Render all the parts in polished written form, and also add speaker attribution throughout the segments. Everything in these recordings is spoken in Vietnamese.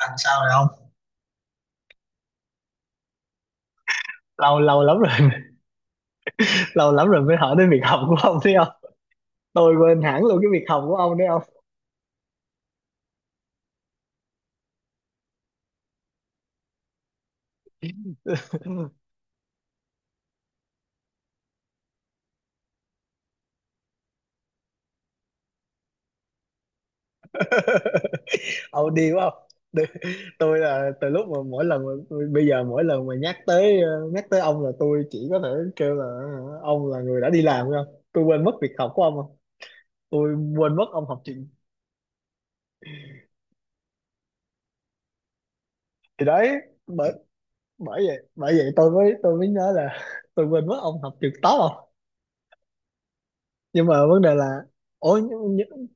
Speaker 1: Làm sao rồi ông? Lâu lâu lắm rồi. Lâu lắm rồi mới hỏi đến việc học của ông, thấy không? Tôi quên hẳn luôn cái việc học của ông đấy, không? Ông đi quá không? Tôi- là từ lúc mà mỗi lần, bây giờ mỗi lần mà nhắc tới nhắc tới ông là tôi chỉ có thể kêu là ông là người đã đi làm, không? Tôi quên mất việc học của ông, không? Tôi quên mất ông học trường. Thì đấy, bởi bởi vậy tôi mới nhớ là, tôi quên mất ông học trường top, không? Nhưng mà vấn đề là, ôi nhưng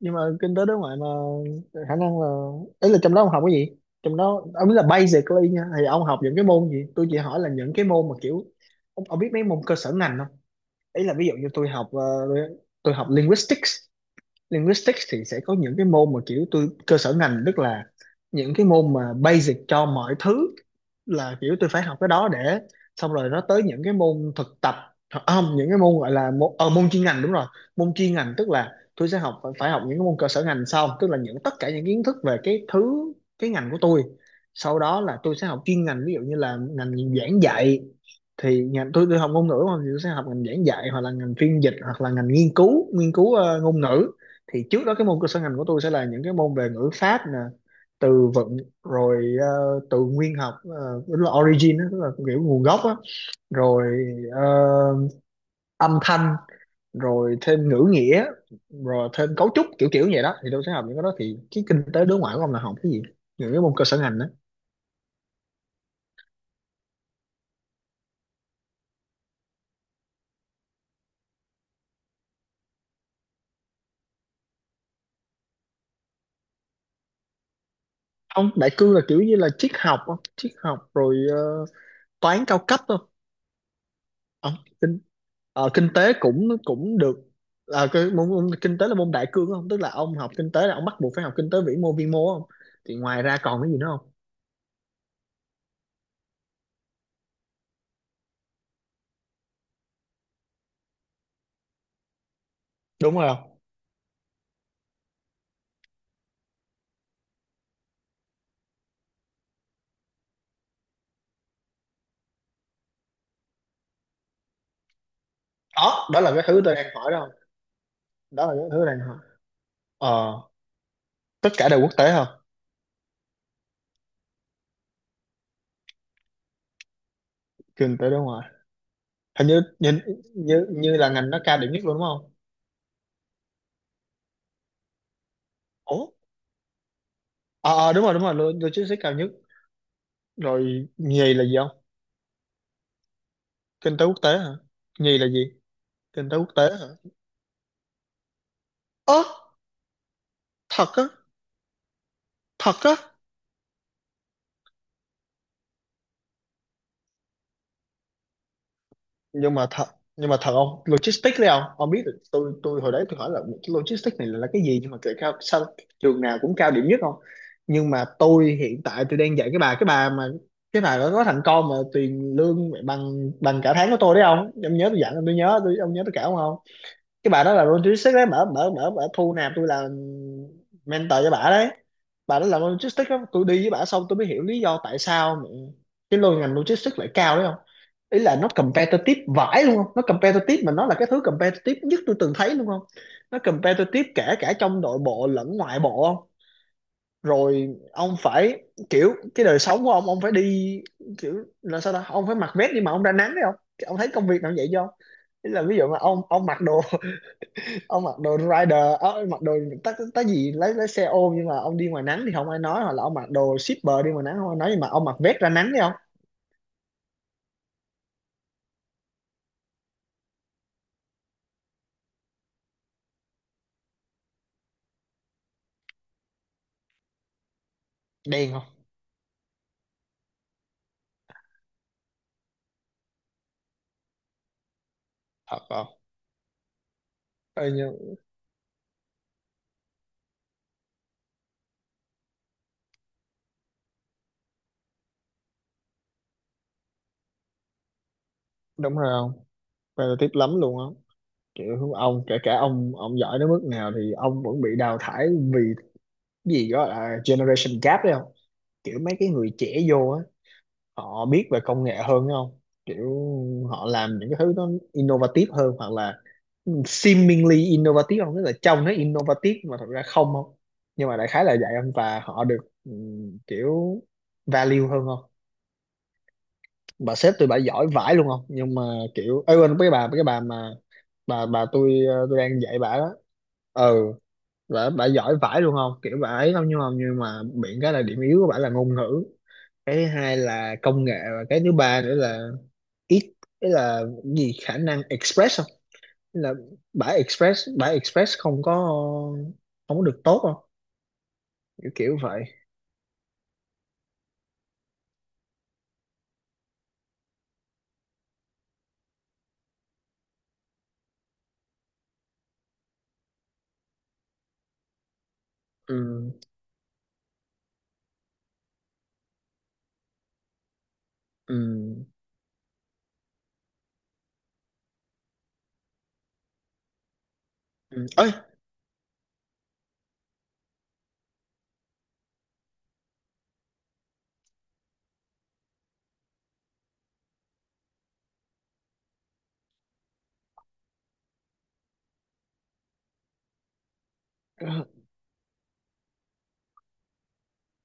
Speaker 1: nhưng mà kinh tế đối ngoại mà, khả năng là, ấy là trong đó ông học cái gì? Trong đó ông biết là basically nha, thì ông học những cái môn gì? Tôi chỉ hỏi là những cái môn mà kiểu ông biết mấy môn cơ sở ngành không? Ấy là ví dụ như tôi học, tôi học linguistics. Linguistics thì sẽ có những cái môn mà kiểu tôi cơ sở ngành, tức là những cái môn mà basic cho mọi thứ, là kiểu tôi phải học cái đó để, xong rồi nó tới những cái môn thực tập. À không, những cái môn gọi là môn, môn chuyên ngành, đúng rồi. Môn chuyên ngành tức là tôi sẽ học, phải phải học những cái môn cơ sở ngành sau, tức là những tất cả những kiến thức về cái thứ, cái ngành của tôi. Sau đó là tôi sẽ học chuyên ngành, ví dụ như là ngành giảng dạy. Thì ngành tôi học ngôn ngữ mà, thì tôi sẽ học ngành giảng dạy hoặc là ngành phiên dịch hoặc là ngành nghiên cứu, nghiên cứu ngôn ngữ. Thì trước đó cái môn cơ sở ngành của tôi sẽ là những cái môn về ngữ pháp nè, từ vựng, rồi từ nguyên học, tức là origin đó, tức là kiểu nguồn gốc á. Rồi ờ, âm thanh, rồi thêm ngữ nghĩa, rồi thêm cấu trúc, kiểu kiểu vậy đó. Thì tôi sẽ học những cái đó, thì cái kinh tế đối ngoại của ông là học cái gì, những cái môn cơ sở ngành đó? Ông, đại cương là kiểu như là triết học á, triết học rồi toán cao cấp thôi. Ông kinh kinh tế cũng cũng được, là cái môn kinh tế là môn đại cương không? Tức là ông học kinh tế là ông bắt buộc phải học kinh tế vĩ mô vi mô, không? Thì ngoài ra còn cái gì nữa không? Đúng rồi đó, đó là cái thứ tôi đang hỏi đó, không? Đó là cái thứ đang hỏi. Ờ, tất cả đều quốc tế, không? Kinh tế đối ngoại, hình như như như là ngành nó cao điểm nhất luôn đúng không? Ủa, ờ, đúng rồi, đúng rồi, logistics cao nhất. Rồi nhì là gì không? Kinh tế quốc tế hả? Nhì là gì? Kinh tế quốc tế hả? Ơ, thật á? Thật á? Nhưng mà thật, nhưng mà thật không? Logistics đấy không, ông biết được, tôi hồi đấy tôi hỏi là cái logistics này là cái gì nhưng mà kệ, cao sao trường nào cũng cao điểm nhất không? Nhưng mà tôi hiện tại tôi đang dạy cái bà, mà cái bà đó có thằng con mà tiền lương mẹ bằng bằng cả tháng của tôi đấy không, ông nhớ tôi dặn ông, tôi nhớ tôi ông nhớ tôi cả không không? Cái bà đó là logistics đấy, mở mở mở mở thu nạp tôi là mentor cho bà đấy. Bà đó làm logistics đó. Tôi đi với bà xong tôi mới hiểu lý do tại sao mà cái lô ngành logistics lại cao đấy. Ý là nó competitive vãi luôn không, nó competitive mà nó là cái thứ competitive nhất tôi từng thấy luôn không. Nó competitive kể cả trong nội bộ lẫn ngoại bộ không. Rồi ông phải, kiểu cái đời sống của ông phải đi, kiểu là sao ta, ông phải mặc vest đi mà ông ra nắng đấy không? Ông thấy công việc nào vậy không? Ý là ví dụ mà ông mặc đồ, ông mặc đồ rider, mặc đồ tá tá gì, lấy xe ôm nhưng mà ông đi ngoài nắng thì không ai nói, hoặc là ông mặc đồ shipper đi ngoài nắng không ai nói, nhưng mà ông mặc vest ra nắng đấy không? Đen không? Thật không? Ê, nhưng- đúng rồi không, competitive lắm luôn á. Kiểu ông, kể cả ông giỏi đến mức nào thì ông vẫn bị đào thải, vì cái gì đó là generation gap đấy không. Kiểu mấy cái người trẻ vô á, họ biết về công nghệ hơn đúng không, kiểu họ làm những cái thứ nó innovative hơn, hoặc là seemingly innovative không, tức là trông nó innovative nhưng mà thật ra không không. Nhưng mà đại khái là vậy không, và họ được kiểu value hơn không. Bà sếp tôi bà giỏi vãi luôn không, nhưng mà kiểu ấy, quên cái bà, mà bà tôi, tôi đang dạy bà đó. Ừ Bà giỏi vãi luôn không, kiểu bà ấy không, nhưng mà, miệng cái là điểm yếu của bà là ngôn ngữ, cái thứ hai là công nghệ, và cái thứ ba nữa là ít, cái là gì, khả năng express không. Ý là bà express, không có, không có được tốt không, kiểu kiểu vậy. Ừ ừ ừ ấy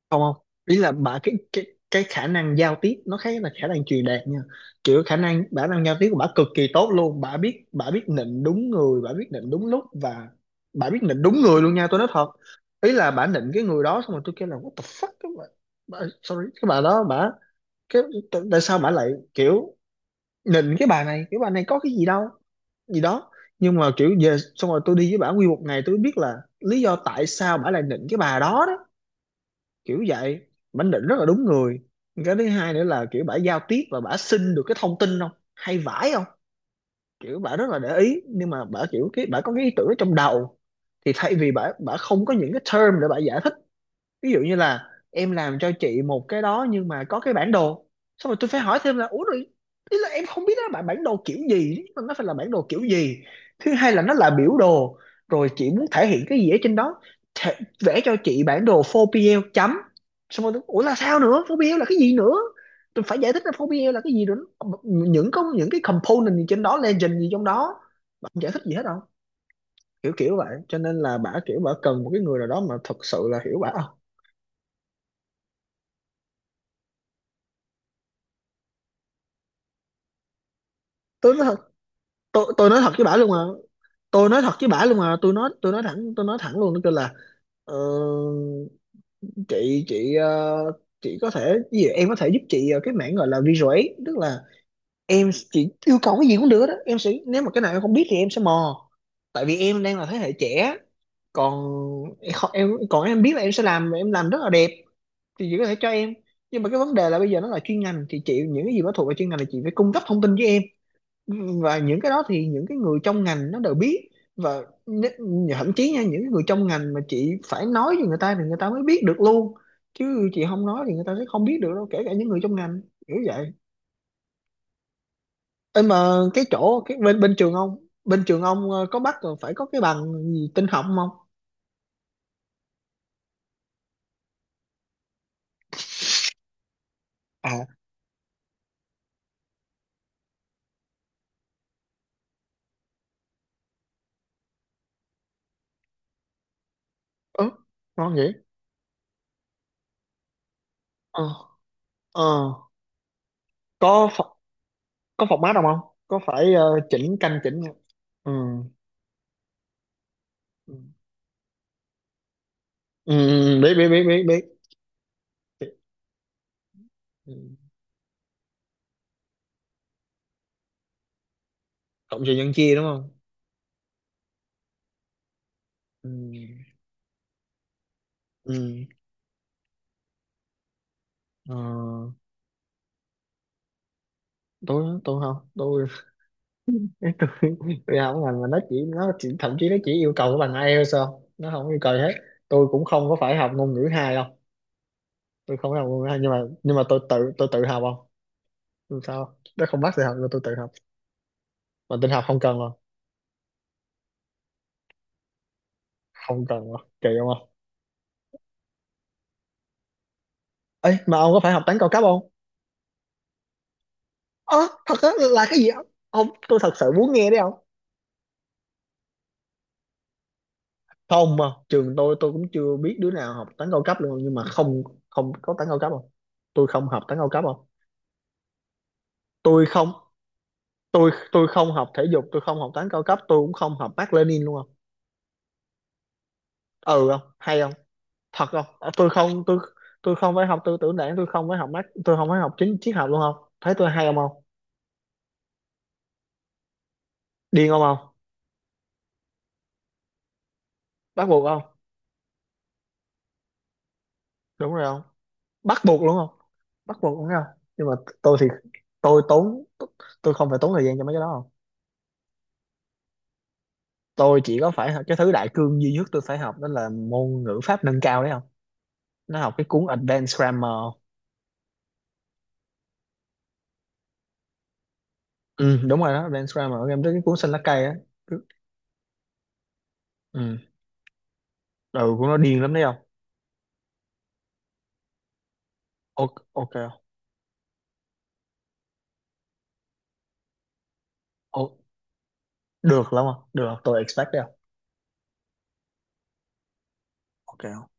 Speaker 1: không không Ý là bà, cái khả năng giao tiếp nó khác là khả năng truyền đạt nha. Kiểu khả năng, giao tiếp của bà cực kỳ tốt luôn, bà biết, nịnh đúng người, bà biết nịnh đúng lúc, và bà biết nịnh đúng người luôn nha, tôi nói thật. Ý là bà nịnh cái người đó xong rồi tôi kêu là what the fuck các bạn, sorry, cái bà đó, cái tại tại sao bà lại kiểu nịnh cái bà này, cái bà này có cái gì đâu, gì đó. Nhưng mà kiểu về xong rồi tôi đi với bà nguyên một ngày tôi biết là lý do tại sao bà lại nịnh cái bà đó đó, kiểu vậy. Bả định rất là đúng người. Cái thứ hai nữa là kiểu bả giao tiếp và bả xin được cái thông tin không, hay vãi không, kiểu bả rất là để ý. Nhưng mà bả kiểu, cái bả có cái ý tưởng ở trong đầu, thì thay vì bả, không có những cái term để bả giải thích. Ví dụ như là em làm cho chị một cái đó nhưng mà có cái bản đồ, xong rồi tôi phải hỏi thêm là ủa rồi, ý là em không biết đó là bản bản đồ kiểu gì, nhưng mà nó phải là bản đồ kiểu gì, thứ hai là nó là biểu đồ, rồi chị muốn thể hiện cái gì ở trên đó. thể, Vẽ cho chị bản đồ 4PL chấm, xong rồi ủa là sao nữa, 4PL là cái gì nữa? Tôi phải giải thích là 4PL là cái gì nữa, có những cái component gì trên đó, legend gì trong đó. Bà không giải thích gì hết đâu, kiểu kiểu vậy. Cho nên là bả kiểu bả cần một cái người nào đó mà thật sự là hiểu bả. Không, tôi, tôi nói thật với bả luôn mà, tôi nói thật với bả luôn mà tôi nói, thẳng, tôi nói thẳng luôn, nó kêu là ờ, chị, chị có thể, cái gì em có thể giúp chị, cái mảng gọi là visual aid, tức là em, chị yêu cầu cái gì cũng được đó, em sẽ, nếu mà cái nào em không biết thì em sẽ mò, tại vì em đang là thế hệ trẻ. Còn em còn em biết là em sẽ làm, em làm rất là đẹp, thì chị có thể cho em. Nhưng mà cái vấn đề là bây giờ nó là chuyên ngành, thì chị những cái gì mà thuộc về chuyên ngành là chị phải cung cấp thông tin với em, và những cái đó thì những cái người trong ngành nó đều biết. Và thậm chí nha, những cái người trong ngành mà chị phải nói với người ta thì người ta mới biết được luôn, chứ chị không nói thì người ta sẽ không biết được đâu, kể cả những người trong ngành, kiểu vậy. Ê mà cái chỗ, cái bên, trường ông, bên trường ông có bắt rồi phải có cái bằng gì tin học không? À ừ, ngon vậy. ờ ờ có có phọc mát không không, có phải chỉnh canh chỉnh không? ừ ừ ừ, biết biết biết biết biết. Ừ. Cộng trừ nhân chia đúng không? ừ ừ ờ, tôi không, tôi tôi, không, ngành mà nó chỉ, thậm chí nó chỉ yêu cầu cái bằng IELTS sao, nó không yêu cầu gì hết. Tôi cũng không có phải học ngôn ngữ hai đâu, tôi không có học ngôn ngữ hai, nhưng mà, tôi tự, học không? Tôi sao không? Nó không bắt tôi học nhưng tôi tự học. Mà tin học không cần rồi, kỳ không không. Ấy mà ông có phải học toán cao cấp không? Ơ thật á, là cái gì ông, tôi thật sự muốn nghe đấy ông. Không, mà trường tôi, cũng chưa biết đứa nào học toán cao cấp luôn, nhưng mà không, không có toán cao cấp không. Tôi không học toán cao cấp không. Tôi không, tôi không học thể dục, tôi không học toán cao cấp, tôi cũng không học Mác Lênin luôn không. Ừ không hay không? Thật không? Ờ, tôi không, tôi không phải học tư tưởng đảng, tôi không phải học Mác, tôi không phải học chính triết học luôn, không thấy tôi hay không không? Điên không không, bắt buộc không, đúng rồi không, bắt buộc luôn không, bắt buộc đúng không? Nhưng mà tôi thì, tốn, tôi không phải tốn thời gian cho mấy cái đó không. Tôi chỉ có phải cái thứ đại cương duy nhất tôi phải học đó là môn ngữ pháp nâng cao đấy không, nó học cái cuốn Advanced Grammar. Ừ đúng rồi đó, Advanced Grammar em tới cái cuốn xanh lá cây á. Cứ- ừ ừ, của nó điên lắm đấy không. Ok ok không? Ồ, được lắm không được, tôi expect đấy không. Ok.